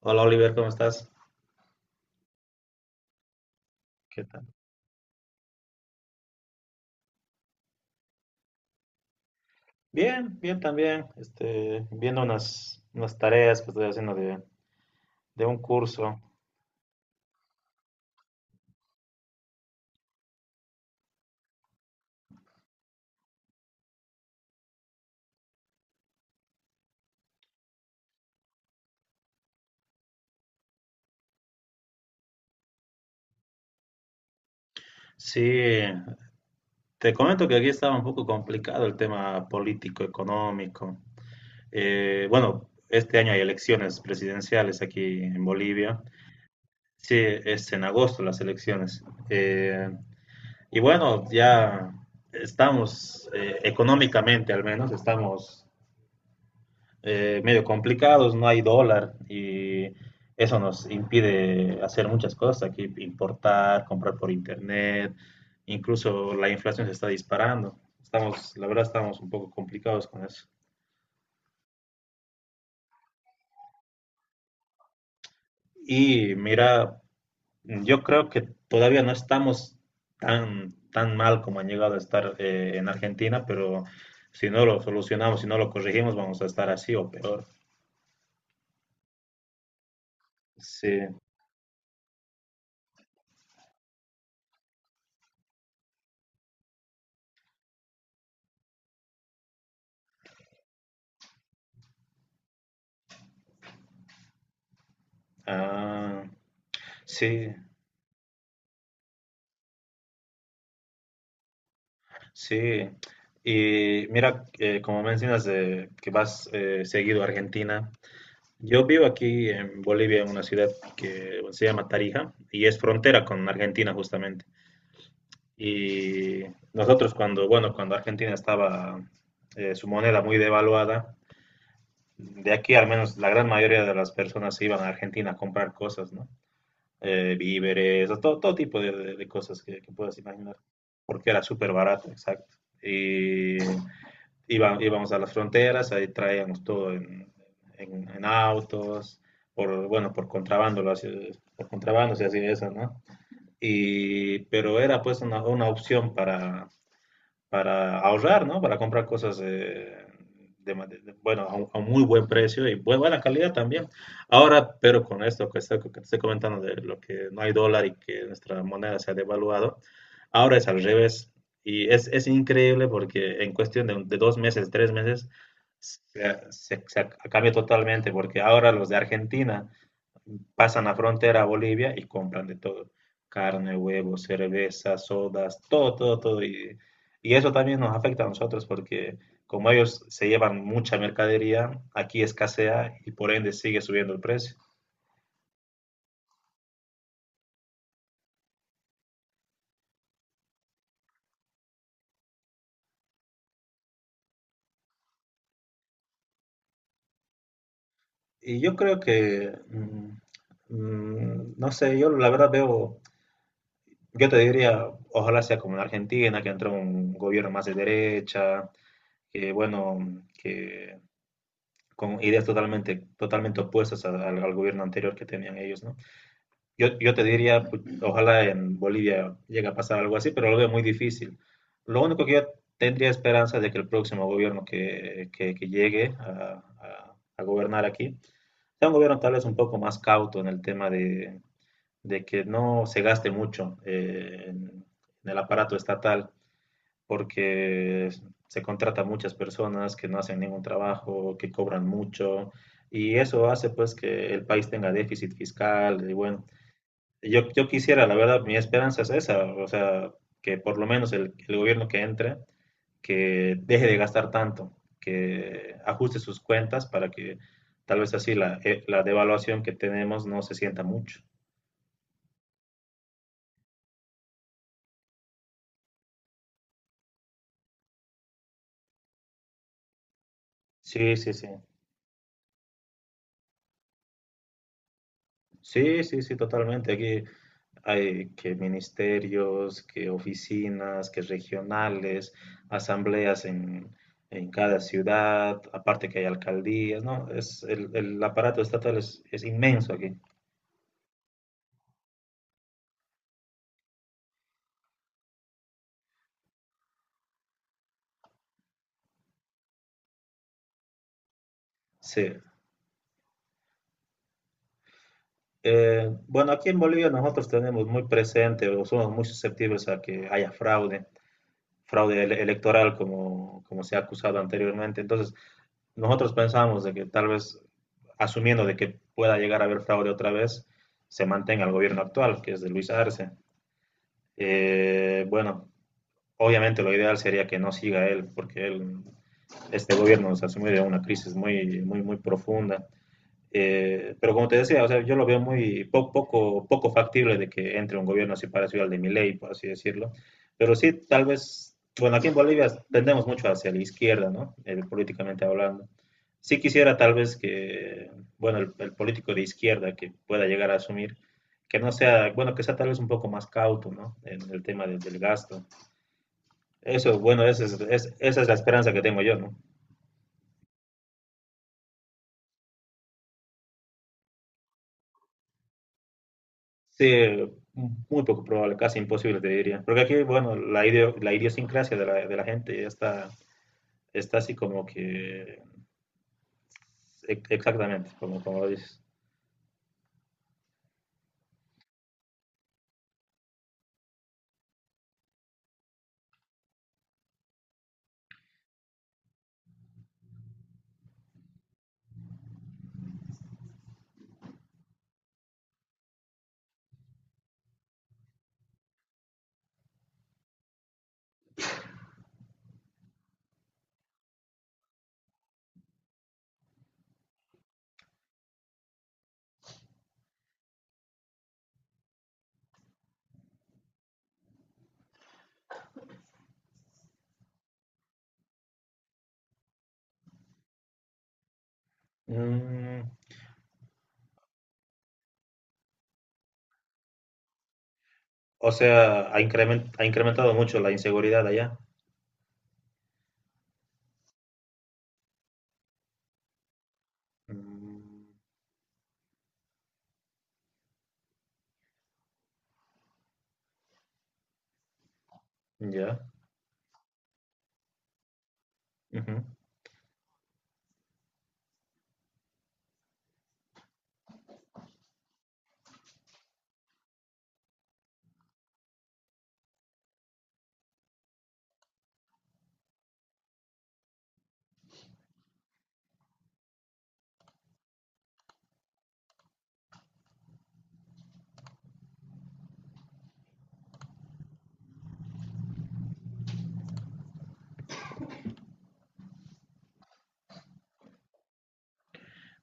Hola Oliver, ¿cómo estás? ¿Qué tal? Bien, bien también. Viendo unas tareas que estoy haciendo de un curso. Sí, te comento que aquí estaba un poco complicado el tema político, económico. Bueno, este año hay elecciones presidenciales aquí en Bolivia. Sí, es en agosto las elecciones. Y bueno, ya estamos económicamente al menos, estamos medio complicados, no hay dólar y eso nos impide hacer muchas cosas aquí, importar, comprar por internet, incluso la inflación se está disparando. Estamos, la verdad, estamos un poco complicados con eso. Y mira, yo creo que todavía no estamos tan mal como han llegado a estar en Argentina, pero si no lo solucionamos, si no lo corregimos, vamos a estar así o peor. Sí, ah, sí. Sí, y mira, como mencionas de que vas seguido a Argentina, yo vivo aquí en Bolivia, en una ciudad que se llama Tarija y es frontera con Argentina justamente. Y nosotros cuando, bueno, cuando Argentina estaba su moneda muy devaluada, de aquí al menos la gran mayoría de las personas se iban a Argentina a comprar cosas, ¿no? Víveres, o todo, todo tipo de cosas que puedas imaginar, porque era súper barato, exacto. Íbamos a las fronteras, ahí traíamos todo en, en autos, por, bueno, por contrabando, por contrabando se hacía eso, ¿no? Y, pero era pues una opción para ahorrar, ¿no? Para comprar cosas bueno, a un muy buen precio y buena calidad también. Ahora, pero con esto que te estoy comentando de lo que no hay dólar y que nuestra moneda se ha devaluado, ahora es al revés. Y es increíble porque en cuestión de dos meses, tres meses, se cambia totalmente porque ahora los de Argentina pasan la frontera a Bolivia y compran de todo, carne, huevos, cerveza, sodas, todo, todo, todo. Y eso también nos afecta a nosotros porque como ellos se llevan mucha mercadería, aquí escasea y por ende sigue subiendo el precio. Y yo creo que, no sé, yo la verdad veo, yo te diría, ojalá sea como en Argentina, que entró un gobierno más de derecha, que bueno, que con ideas totalmente, totalmente opuestas al gobierno anterior que tenían ellos, ¿no? Yo te diría, pues, ojalá en Bolivia llegue a pasar algo así, pero lo veo muy difícil. Lo único que yo tendría esperanza de que el próximo gobierno que llegue a gobernar aquí sea un gobierno tal vez un poco más cauto en el tema de que no se gaste mucho en el aparato estatal porque se contrata a muchas personas que no hacen ningún trabajo, que cobran mucho, y eso hace pues que el país tenga déficit fiscal, y bueno, yo quisiera, la verdad, mi esperanza es esa, o sea, que por lo menos el gobierno que entre, que deje de gastar tanto, que ajuste sus cuentas para que tal vez así la devaluación que tenemos no se sienta mucho. Sí, sí, sí. Sí, sí, sí, totalmente. Aquí hay que ministerios, que oficinas, que regionales, asambleas en cada ciudad, aparte que hay alcaldías, ¿no? El aparato estatal es inmenso aquí. Sí. Bueno, aquí en Bolivia nosotros tenemos muy presente o somos muy susceptibles a que haya fraude. Fraude electoral como, como se ha acusado anteriormente. Entonces, nosotros pensamos de que tal vez, asumiendo de que pueda llegar a haber fraude otra vez, se mantenga el gobierno actual, que es de Luis Arce. Bueno, obviamente lo ideal sería que no siga él, porque él, este gobierno se asumió de una crisis muy, muy, muy profunda. Pero como te decía, o sea, yo lo veo muy poco factible de que entre un gobierno así parecido al de Milei, por así decirlo. Pero sí, tal vez, bueno, aquí en Bolivia tendemos mucho hacia la izquierda, ¿no? Políticamente hablando. Sí quisiera tal vez que, bueno, el político de izquierda que pueda llegar a asumir, que no sea, bueno, que sea tal vez un poco más cauto, ¿no? En el tema del gasto. Eso, bueno, esa es la esperanza que tengo yo, ¿no? Sí, muy poco probable, casi imposible te diría. Porque aquí, bueno, la idiosincrasia de la gente ya está, está así como que... Exactamente, como, como lo dices. Mm, o sea, ha incrementado mucho la inseguridad allá. Mm, ya. Ujú.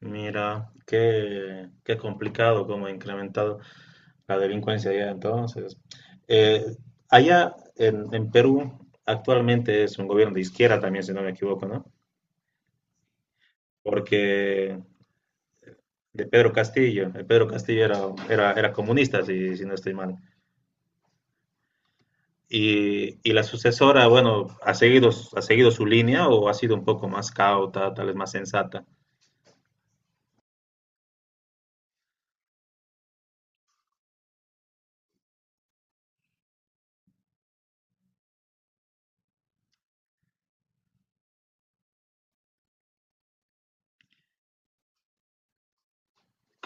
Mira, qué, qué complicado cómo ha incrementado la delincuencia allá entonces. Eh, Allá en Perú actualmente es un gobierno de izquierda también, si no me equivoco, ¿no? Porque de Pedro Castillo, el Pedro Castillo era comunista, si, si no estoy mal. Y, la sucesora, bueno, ha seguido su línea o ha sido un poco más cauta, tal vez más sensata.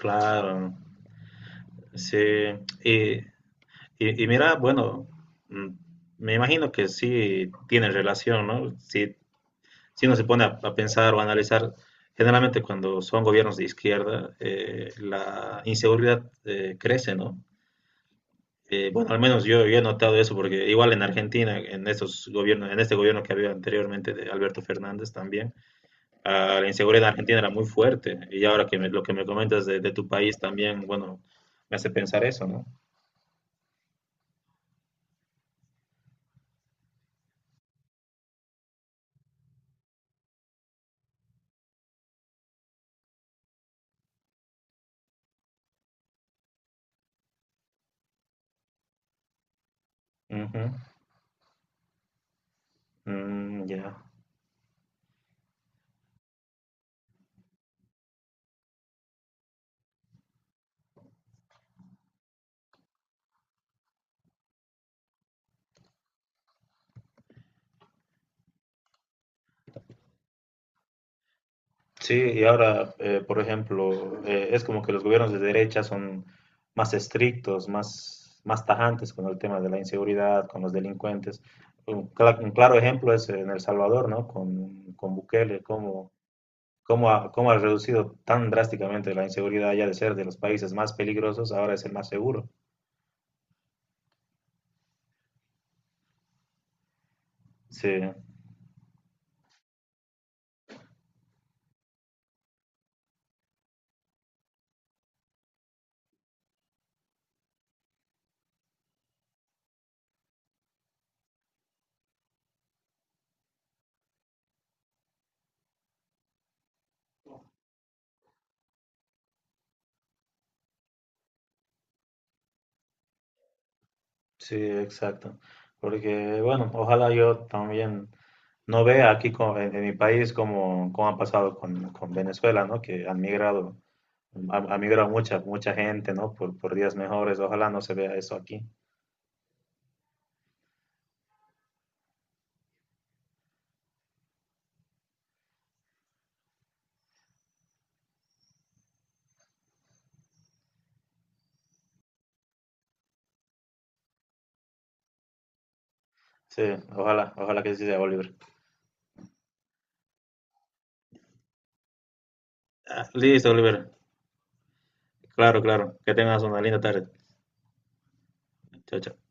Claro, sí. Y, y mira, bueno, mm, me imagino que sí tienen relación, ¿no? Si, si uno se pone a pensar o a analizar, generalmente cuando son gobiernos de izquierda, la inseguridad crece, ¿no? Bueno, al menos yo he notado eso porque igual en Argentina, en estos gobiernos, en este gobierno que había anteriormente de Alberto Fernández también, ah, la inseguridad en Argentina era muy fuerte. Y ahora lo que me comentas de tu país también, bueno, me hace pensar eso, ¿no? Ujú. Mm, ya. Sí, y ahora, por ejemplo, es como que los gobiernos de derecha son más estrictos, más, más tajantes con el tema de la inseguridad, con los delincuentes. Un claro ejemplo es en El Salvador, ¿no? Con Bukele, cómo, cómo ha reducido tan drásticamente la inseguridad ya de ser de los países más peligrosos, ahora es el más seguro. Sí. Sí, exacto. Porque, bueno, ojalá yo también no vea aquí en mi país como, como ha pasado con Venezuela, ¿no? Que han migrado, ha migrado mucha, mucha gente, ¿no? Por días mejores. Ojalá no se vea eso aquí. Sí, ojalá, ojalá que sí sea, Oliver. Ah, listo, Oliver. Claro, claro. Que tengas una linda tarde. Chao, chao.